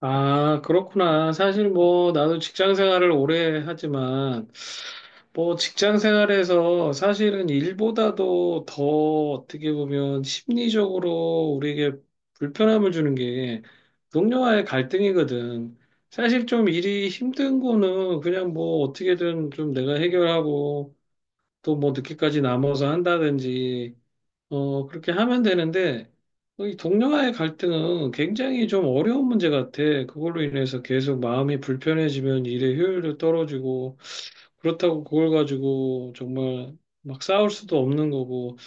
아, 그렇구나. 사실 뭐, 나도 직장 생활을 오래 하지만, 뭐, 직장 생활에서 사실은 일보다도 더 어떻게 보면 심리적으로 우리에게 불편함을 주는 게 동료와의 갈등이거든. 사실 좀 일이 힘든 거는 그냥 뭐, 어떻게든 좀 내가 해결하고, 또 뭐, 늦게까지 남아서 한다든지, 그렇게 하면 되는데, 이 동료와의 갈등은 굉장히 좀 어려운 문제 같아. 그걸로 인해서 계속 마음이 불편해지면 일의 효율도 떨어지고, 그렇다고 그걸 가지고 정말 막 싸울 수도 없는 거고,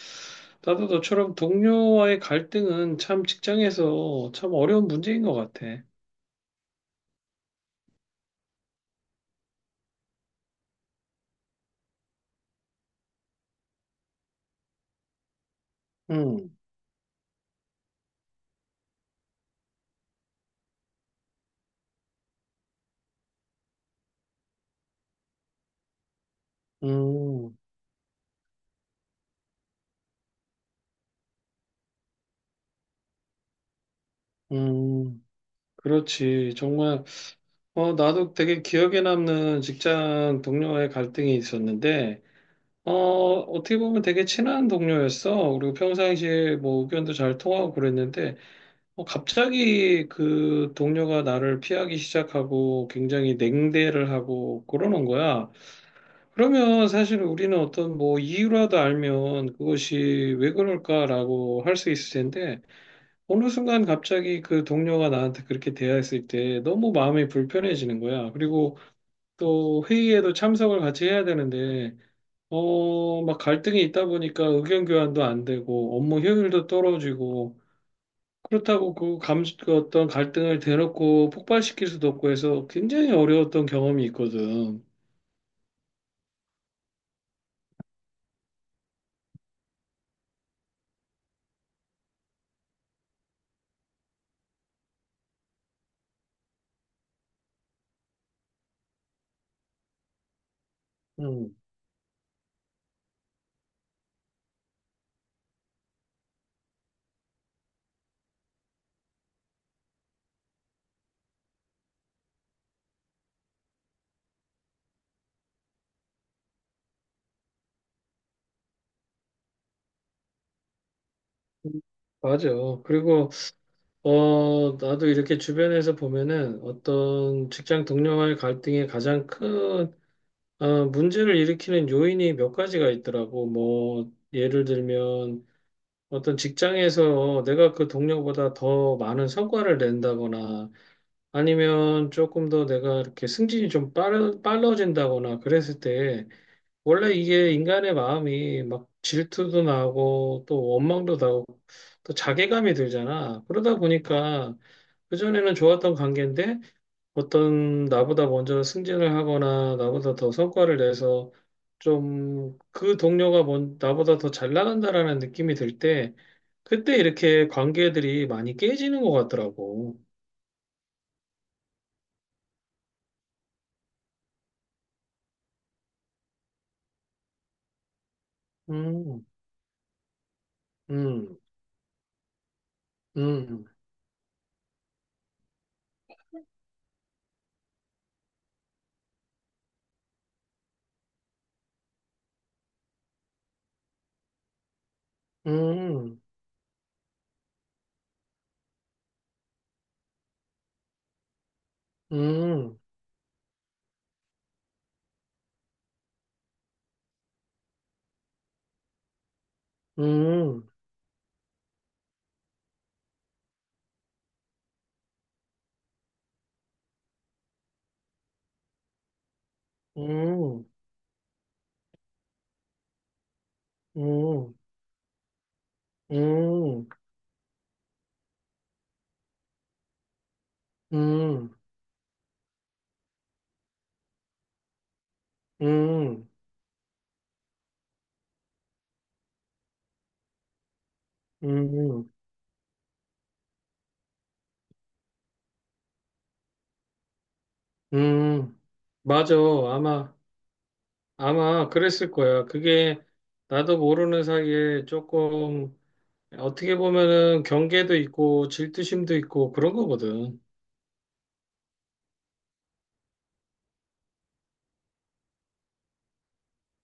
나도 너처럼 동료와의 갈등은 참 직장에서 참 어려운 문제인 것 같아. 음. 음. 음. 그렇지. 정말, 나도 되게 기억에 남는 직장 동료와의 갈등이 있었는데, 어, 어떻게 보면 되게 친한 동료였어. 그리고 평상시에 뭐 의견도 잘 통하고 그랬는데, 갑자기 그 동료가 나를 피하기 시작하고 굉장히 냉대를 하고 그러는 거야. 그러면 사실 우리는 어떤 뭐 이유라도 알면 그것이 왜 그럴까라고 할 수 있을 텐데, 어느 순간 갑자기 그 동료가 나한테 그렇게 대했을 때 너무 마음이 불편해지는 거야. 그리고 또 회의에도 참석을 같이 해야 되는데, 막 갈등이 있다 보니까 의견 교환도 안 되고 업무 효율도 떨어지고 그렇다고 그 어떤 갈등을 대놓고 폭발시킬 수도 없고 해서 굉장히 어려웠던 경험이 있거든. 음. 맞아. 그리고 나도 이렇게 주변에서 보면은 어떤 직장 동료와의 갈등의 가장 큰 문제를 일으키는 요인이 몇 가지가 있더라고. 뭐 예를 들면 어떤 직장에서 내가 그 동료보다 더 많은 성과를 낸다거나 아니면 조금 더 내가 이렇게 승진이 좀 빨라진다거나 그랬을 때 원래 이게 인간의 마음이 막 질투도 나고 또 원망도 나고 또 자괴감이 들잖아. 그러다 보니까 그전에는 좋았던 관계인데 어떤 나보다 먼저 승진을 하거나 나보다 더 성과를 내서 좀 그 동료가 뭔 나보다 더 잘 나간다라는 느낌이 들 때 그때 이렇게 관계들이 많이 깨지는 것 같더라고. 음. 음. 음. 음. 음. 음. 음. 음. 음. 음. 음. 음. 음. 맞아. 아마 아마 그랬을 거야. 그게 나도 모르는 사이에 조금 어떻게 보면은 경계도 있고 질투심도 있고 그런 거거든.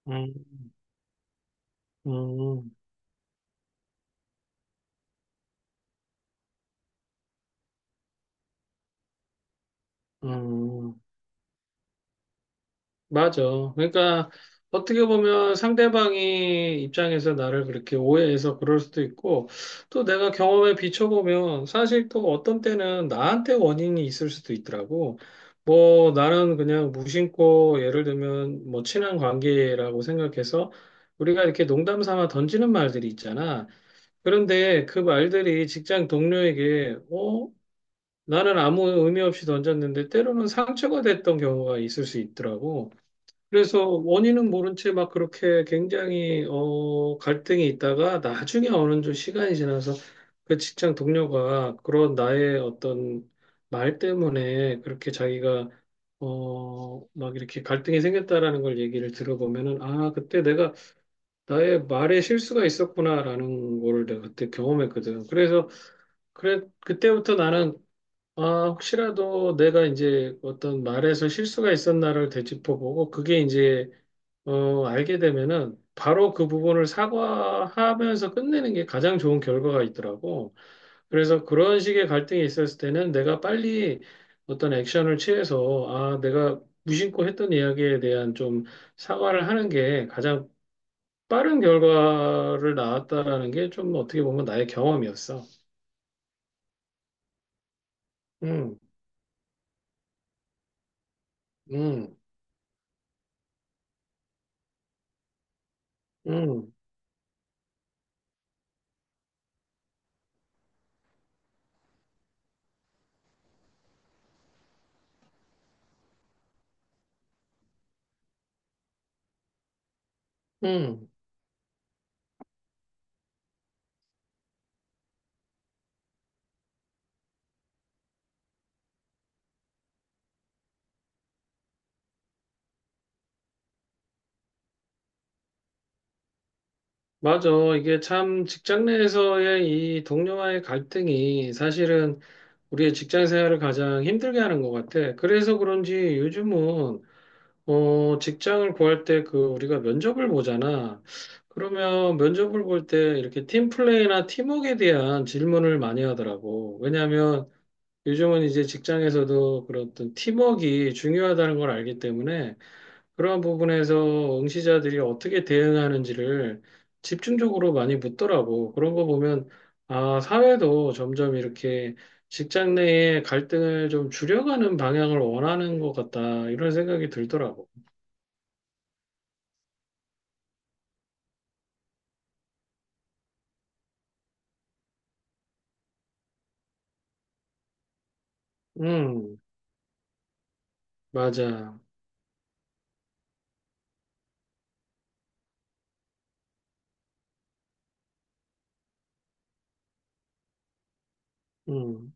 음. 음. 음. 맞아. 그러니까 어떻게 보면 상대방이 입장에서 나를 그렇게 오해해서 그럴 수도 있고, 또 내가 경험에 비춰보면 사실 또 어떤 때는 나한테 원인이 있을 수도 있더라고. 뭐 나는 그냥 무심코 예를 들면 뭐 친한 관계라고 생각해서 우리가 이렇게 농담 삼아 던지는 말들이 있잖아. 그런데 그 말들이 직장 동료에게 나는 아무 의미 없이 던졌는데 때로는 상처가 됐던 경우가 있을 수 있더라고. 그래서 원인은 모른 채 막 그렇게 굉장히 갈등이 있다가 나중에 어느 좀 시간이 지나서 그 직장 동료가 그런 나의 어떤 말 때문에 그렇게 자기가 막 이렇게 갈등이 생겼다라는 걸 얘기를 들어보면은 아 그때 내가 나의 말에 실수가 있었구나라는 거를 내가 그때 경험했거든. 그래서 그래 그때부터 나는 아, 혹시라도 내가 이제 어떤 말에서 실수가 있었나를 되짚어보고 그게 이제 알게 되면은 바로 그 부분을 사과하면서 끝내는 게 가장 좋은 결과가 있더라고. 그래서 그런 식의 갈등이 있었을 때는 내가 빨리 어떤 액션을 취해서 아, 내가 무심코 했던 이야기에 대한 좀 사과를 하는 게 가장 빠른 결과를 낳았다라는 게 좀 어떻게 보면 나의 경험이었어. 음. 음. 음. 음. 맞아. 이게 참 직장 내에서의 이 동료와의 갈등이 사실은 우리의 직장 생활을 가장 힘들게 하는 것 같아. 그래서 그런지 요즘은 직장을 구할 때 그 우리가 면접을 보잖아. 그러면 면접을 볼 때 이렇게 팀플레이나 팀워크에 대한 질문을 많이 하더라고. 왜냐하면 요즘은 이제 직장에서도 그런 어떤 팀워크가 중요하다는 걸 알기 때문에 그러한 부분에서 응시자들이 어떻게 대응하는지를 집중적으로 많이 묻더라고. 그런 거 보면, 아, 사회도 점점 이렇게 직장 내의 갈등을 좀 줄여가는 방향을 원하는 것 같다. 이런 생각이 들더라고. 음. 맞아. 음.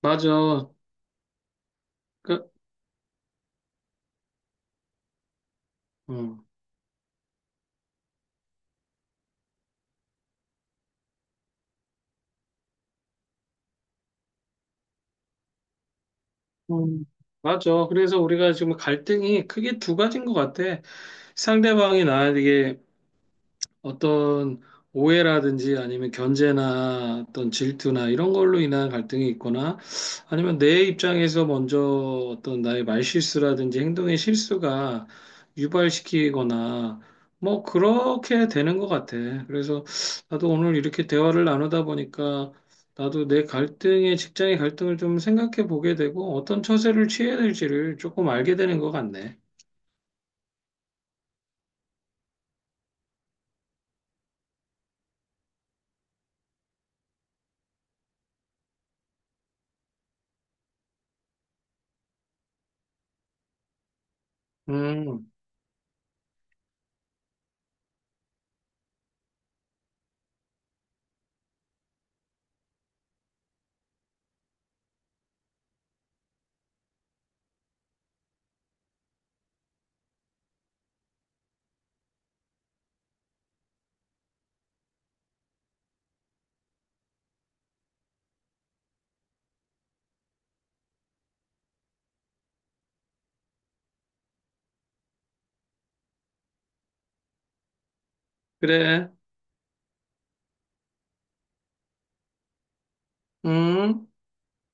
맞아. 그, 음. 음. 맞아. 그래서 우리가 지금 갈등이 크게 두 가지인 것 같아. 상대방이 나에게 어떤 오해라든지 아니면 견제나 어떤 질투나 이런 걸로 인한 갈등이 있거나 아니면 내 입장에서 먼저 어떤 나의 말실수라든지 행동의 실수가 유발시키거나 뭐 그렇게 되는 것 같아. 그래서 나도 오늘 이렇게 대화를 나누다 보니까 나도 내 갈등의 직장의 갈등을 좀 생각해 보게 되고 어떤 처세를 취해야 될지를 조금 알게 되는 것 같네. 음. 그래. 음.